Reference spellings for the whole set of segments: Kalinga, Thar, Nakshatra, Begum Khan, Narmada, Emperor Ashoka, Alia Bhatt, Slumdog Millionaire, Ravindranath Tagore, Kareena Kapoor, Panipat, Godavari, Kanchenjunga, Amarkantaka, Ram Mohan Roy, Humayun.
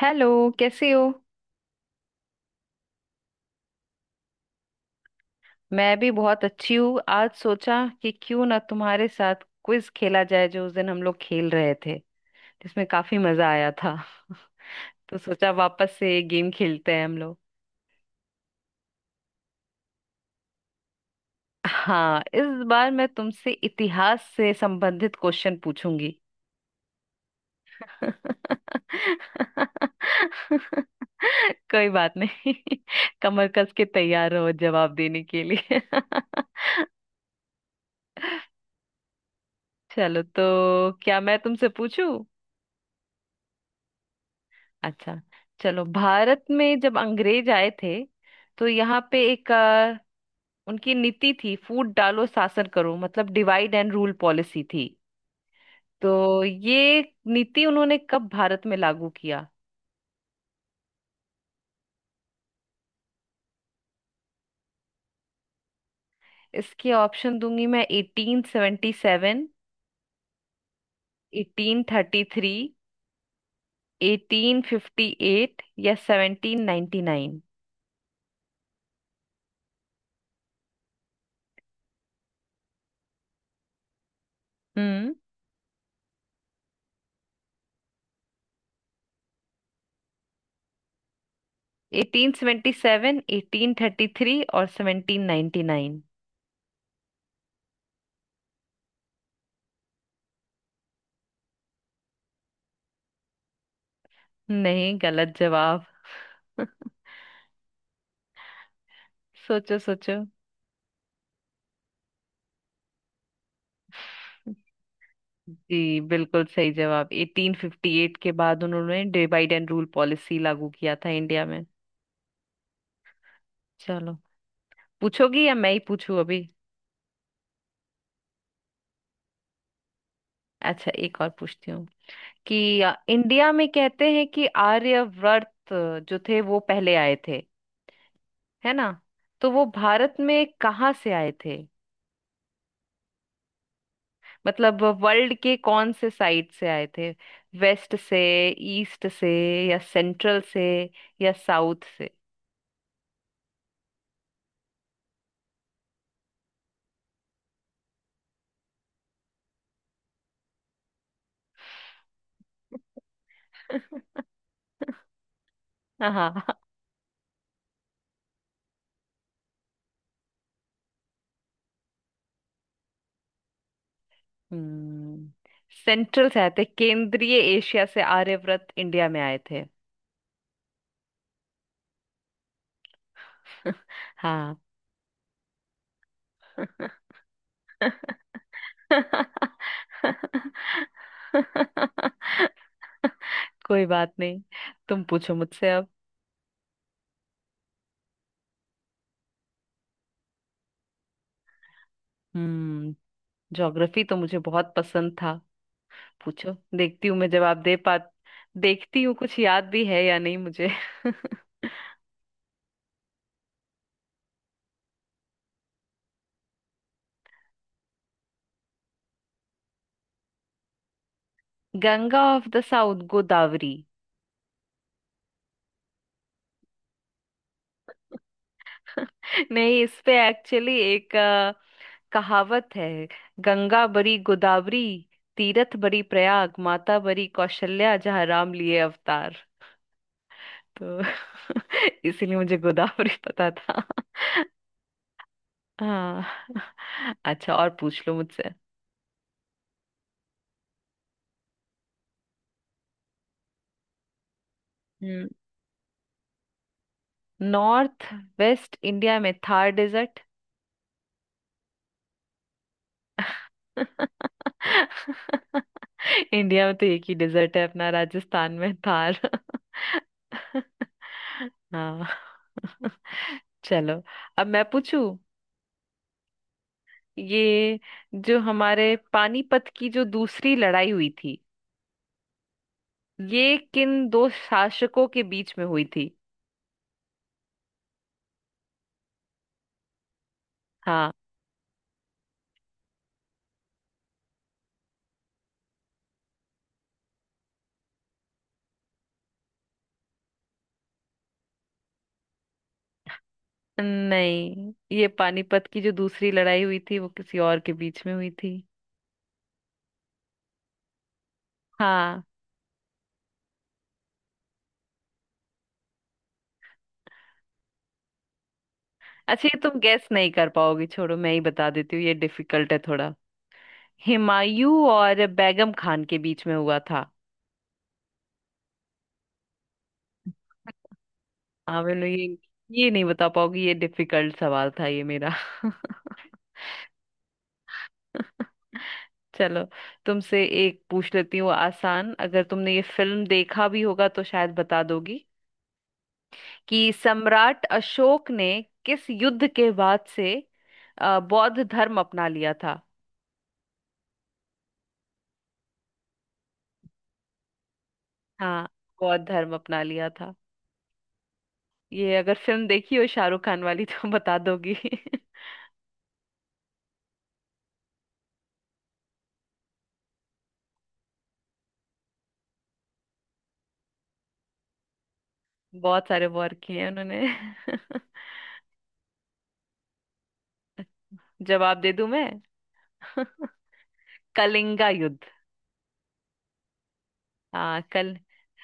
Hello. कैसे हो? मैं भी बहुत अच्छी हूँ। आज सोचा कि क्यों ना तुम्हारे साथ क्विज खेला जाए जो उस दिन हम लोग खेल रहे थे, जिसमें काफी मजा आया था। तो सोचा वापस से ये गेम खेलते हैं हम लोग। हाँ, इस बार मैं तुमसे इतिहास से संबंधित क्वेश्चन पूछूंगी। कोई बात नहीं। कमर कस के तैयार रहो जवाब देने के लिए। चलो तो, क्या मैं तुमसे पूछूं? अच्छा, चलो। भारत में जब अंग्रेज आए थे तो यहाँ पे एक उनकी नीति थी फूट डालो शासन करो, मतलब डिवाइड एंड रूल पॉलिसी थी। तो ये नीति उन्होंने कब भारत में लागू किया? इसके ऑप्शन दूंगी मैं। 1877, 1833, 1858 या 1799। हम्म 1877, 1833 और 1799? नहीं, गलत जवाब। सोचो सोचो। जी, बिल्कुल सही जवाब। 1858 के बाद उन्होंने डिवाइड एंड रूल पॉलिसी लागू किया था इंडिया में। चलो। पूछोगी या मैं ही पूछूं अभी? अच्छा, एक और पूछती हूँ कि इंडिया में कहते हैं कि आर्यवर्त जो थे वो पहले आए थे, है ना? तो वो भारत में कहाँ से आए थे? मतलब वर्ल्ड के कौन से साइड से आए थे? वेस्ट से, ईस्ट से, या सेंट्रल से, या साउथ से? हाँ। हम्म सेंट्रल से आए थे। केंद्रीय एशिया से आर्यव्रत इंडिया में आए थे। हाँ, कोई बात नहीं। तुम पूछो मुझसे अब। हम्म ज्योग्राफी तो मुझे बहुत पसंद था। पूछो, देखती हूँ मैं जवाब दे पा। देखती हूँ कुछ याद भी है या नहीं मुझे। Ganga of the south Godavari. नहीं, इस पे एक्चुअली एक कहावत है। गंगा बरी गोदावरी, तीरथ बरी प्रयाग, माता बरी कौशल्या, जहाँ राम लिए अवतार। तो इसीलिए मुझे गोदावरी पता था। हाँ। अच्छा, और पूछ लो मुझसे। हम्म नॉर्थ वेस्ट इंडिया में थार डेजर्ट। इंडिया में तो एक ही डेजर्ट है अपना, राजस्थान में, थार। हाँ। चलो, अब मैं पूछू। ये जो हमारे पानीपत की जो दूसरी लड़ाई हुई थी, ये किन दो शासकों के बीच में हुई थी? हाँ। नहीं, ये पानीपत की जो दूसरी लड़ाई हुई थी वो किसी और के बीच में हुई थी। हाँ। अच्छा, ये तुम गैस नहीं कर पाओगी, छोड़ो, मैं ही बता देती हूँ, ये डिफिकल्ट है थोड़ा। हुमायूं और बेगम खान के बीच में हुआ था। हाँ, मैंने ये नहीं बता पाओगी, ये डिफिकल्ट सवाल था ये मेरा। चलो, तुमसे एक पूछ लेती हूँ आसान। अगर तुमने ये फिल्म देखा भी होगा तो शायद बता दोगी कि सम्राट अशोक ने किस युद्ध के बाद से बौद्ध धर्म अपना लिया था? हाँ, बौद्ध धर्म अपना लिया था। ये, अगर फिल्म देखी हो शाहरुख खान वाली, तो बता दोगी। बहुत सारे वॉर किए हैं उन्होंने। जवाब दे दूं मैं? कलिंगा युद्ध। हाँ। कल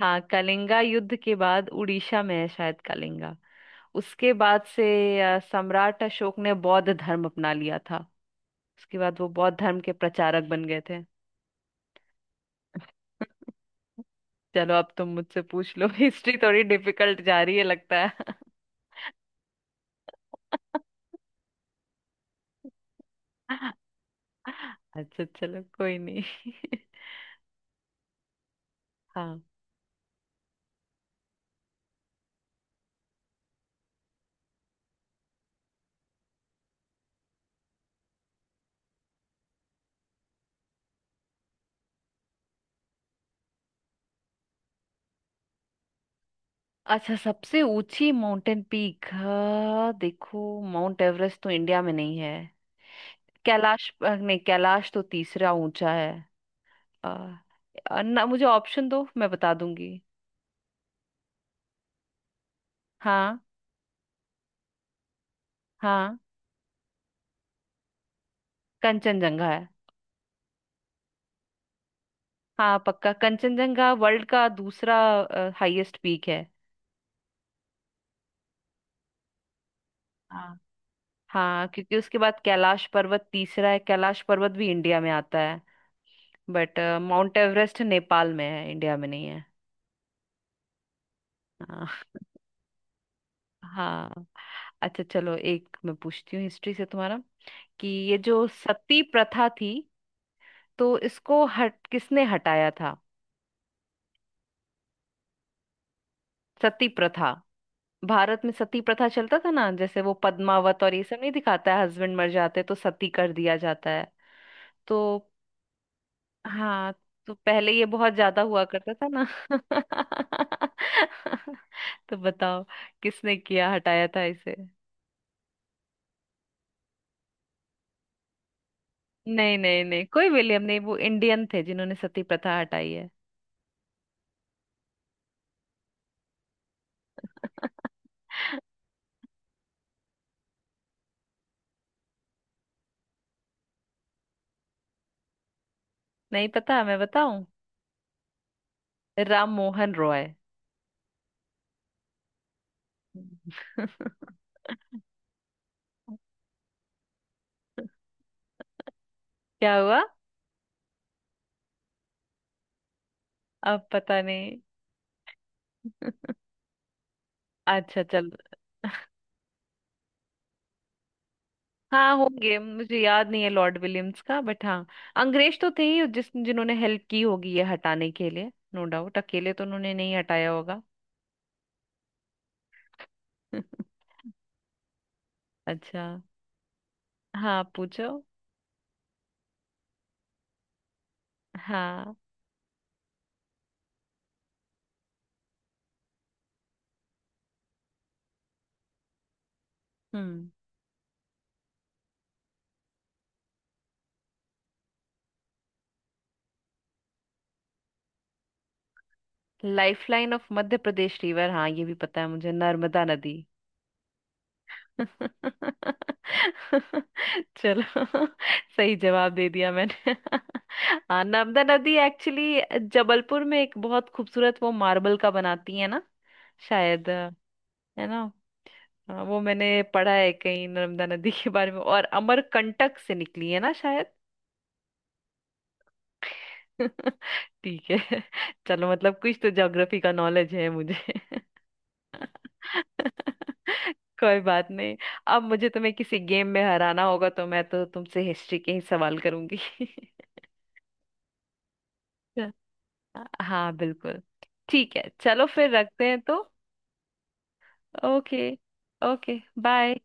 हाँ, कलिंगा युद्ध के बाद, उड़ीसा में है शायद कलिंगा। उसके बाद से सम्राट अशोक ने बौद्ध धर्म अपना लिया था। उसके बाद वो बौद्ध धर्म के प्रचारक बन गए थे। चलो, अब तुम मुझसे पूछ लो। हिस्ट्री थोड़ी डिफिकल्ट जा रही है लगता है। अच्छा, चलो, कोई नहीं। हाँ। अच्छा, सबसे ऊंची माउंटेन पीक, देखो, माउंट एवरेस्ट तो इंडिया में नहीं है। कैलाश नहीं, कैलाश तो तीसरा ऊंचा है। आ, आ, ना, मुझे ऑप्शन दो मैं बता दूंगी। हाँ। हाँ, कंचनजंगा है। हाँ, पक्का। कंचनजंगा वर्ल्ड का दूसरा हाईएस्ट पीक है। हाँ। हाँ, क्योंकि उसके बाद कैलाश पर्वत तीसरा है। कैलाश पर्वत भी इंडिया में आता है, बट माउंट एवरेस्ट नेपाल में है, इंडिया में नहीं है। हाँ। हाँ, अच्छा, चलो, एक मैं पूछती हूँ हिस्ट्री से तुम्हारा, कि ये जो सती प्रथा थी तो इसको हट किसने हटाया था? सती प्रथा। भारत में सती प्रथा चलता था ना, जैसे वो पद्मावत और ये सब नहीं दिखाता है, हस्बैंड मर जाते तो सती कर दिया जाता है। तो हाँ। तो पहले ये बहुत ज्यादा हुआ करता था ना। तो बताओ, किसने किया हटाया था इसे? नहीं नहीं नहीं, कोई विलियम नहीं, वो इंडियन थे जिन्होंने सती प्रथा हटाई है। नहीं पता, मैं बताऊं? राम मोहन रॉय। क्या हुआ? अब पता नहीं। अच्छा, चलो। हाँ, होंगे, मुझे याद नहीं है लॉर्ड विलियम्स का, बट हाँ, अंग्रेज तो थे ही जिस जिन्होंने हेल्प की होगी ये हटाने के लिए, नो डाउट अकेले तो उन्होंने नहीं हटाया होगा। अच्छा। हाँ, पूछो। हाँ। हम्म lifeline of Madhya Pradesh river, हाँ, ये भी पता है मुझे, नर्मदा नदी। चलो, सही जवाब दे दिया मैंने। हाँ, नर्मदा नदी एक्चुअली जबलपुर में एक बहुत खूबसूरत वो मार्बल का बनाती है ना, शायद, है ना? हाँ, वो मैंने पढ़ा है कहीं नर्मदा नदी के बारे में, और अमरकंटक से निकली है ना शायद। ठीक है, चलो, मतलब कुछ तो ज्योग्राफी का नॉलेज है मुझे। कोई बात नहीं, अब मुझे तुम्हें किसी गेम में हराना होगा तो मैं तो तुमसे हिस्ट्री के ही सवाल करूंगी। अच्छा। हाँ, बिल्कुल। ठीक है, चलो, फिर रखते हैं तो। ओके। Okay, bye.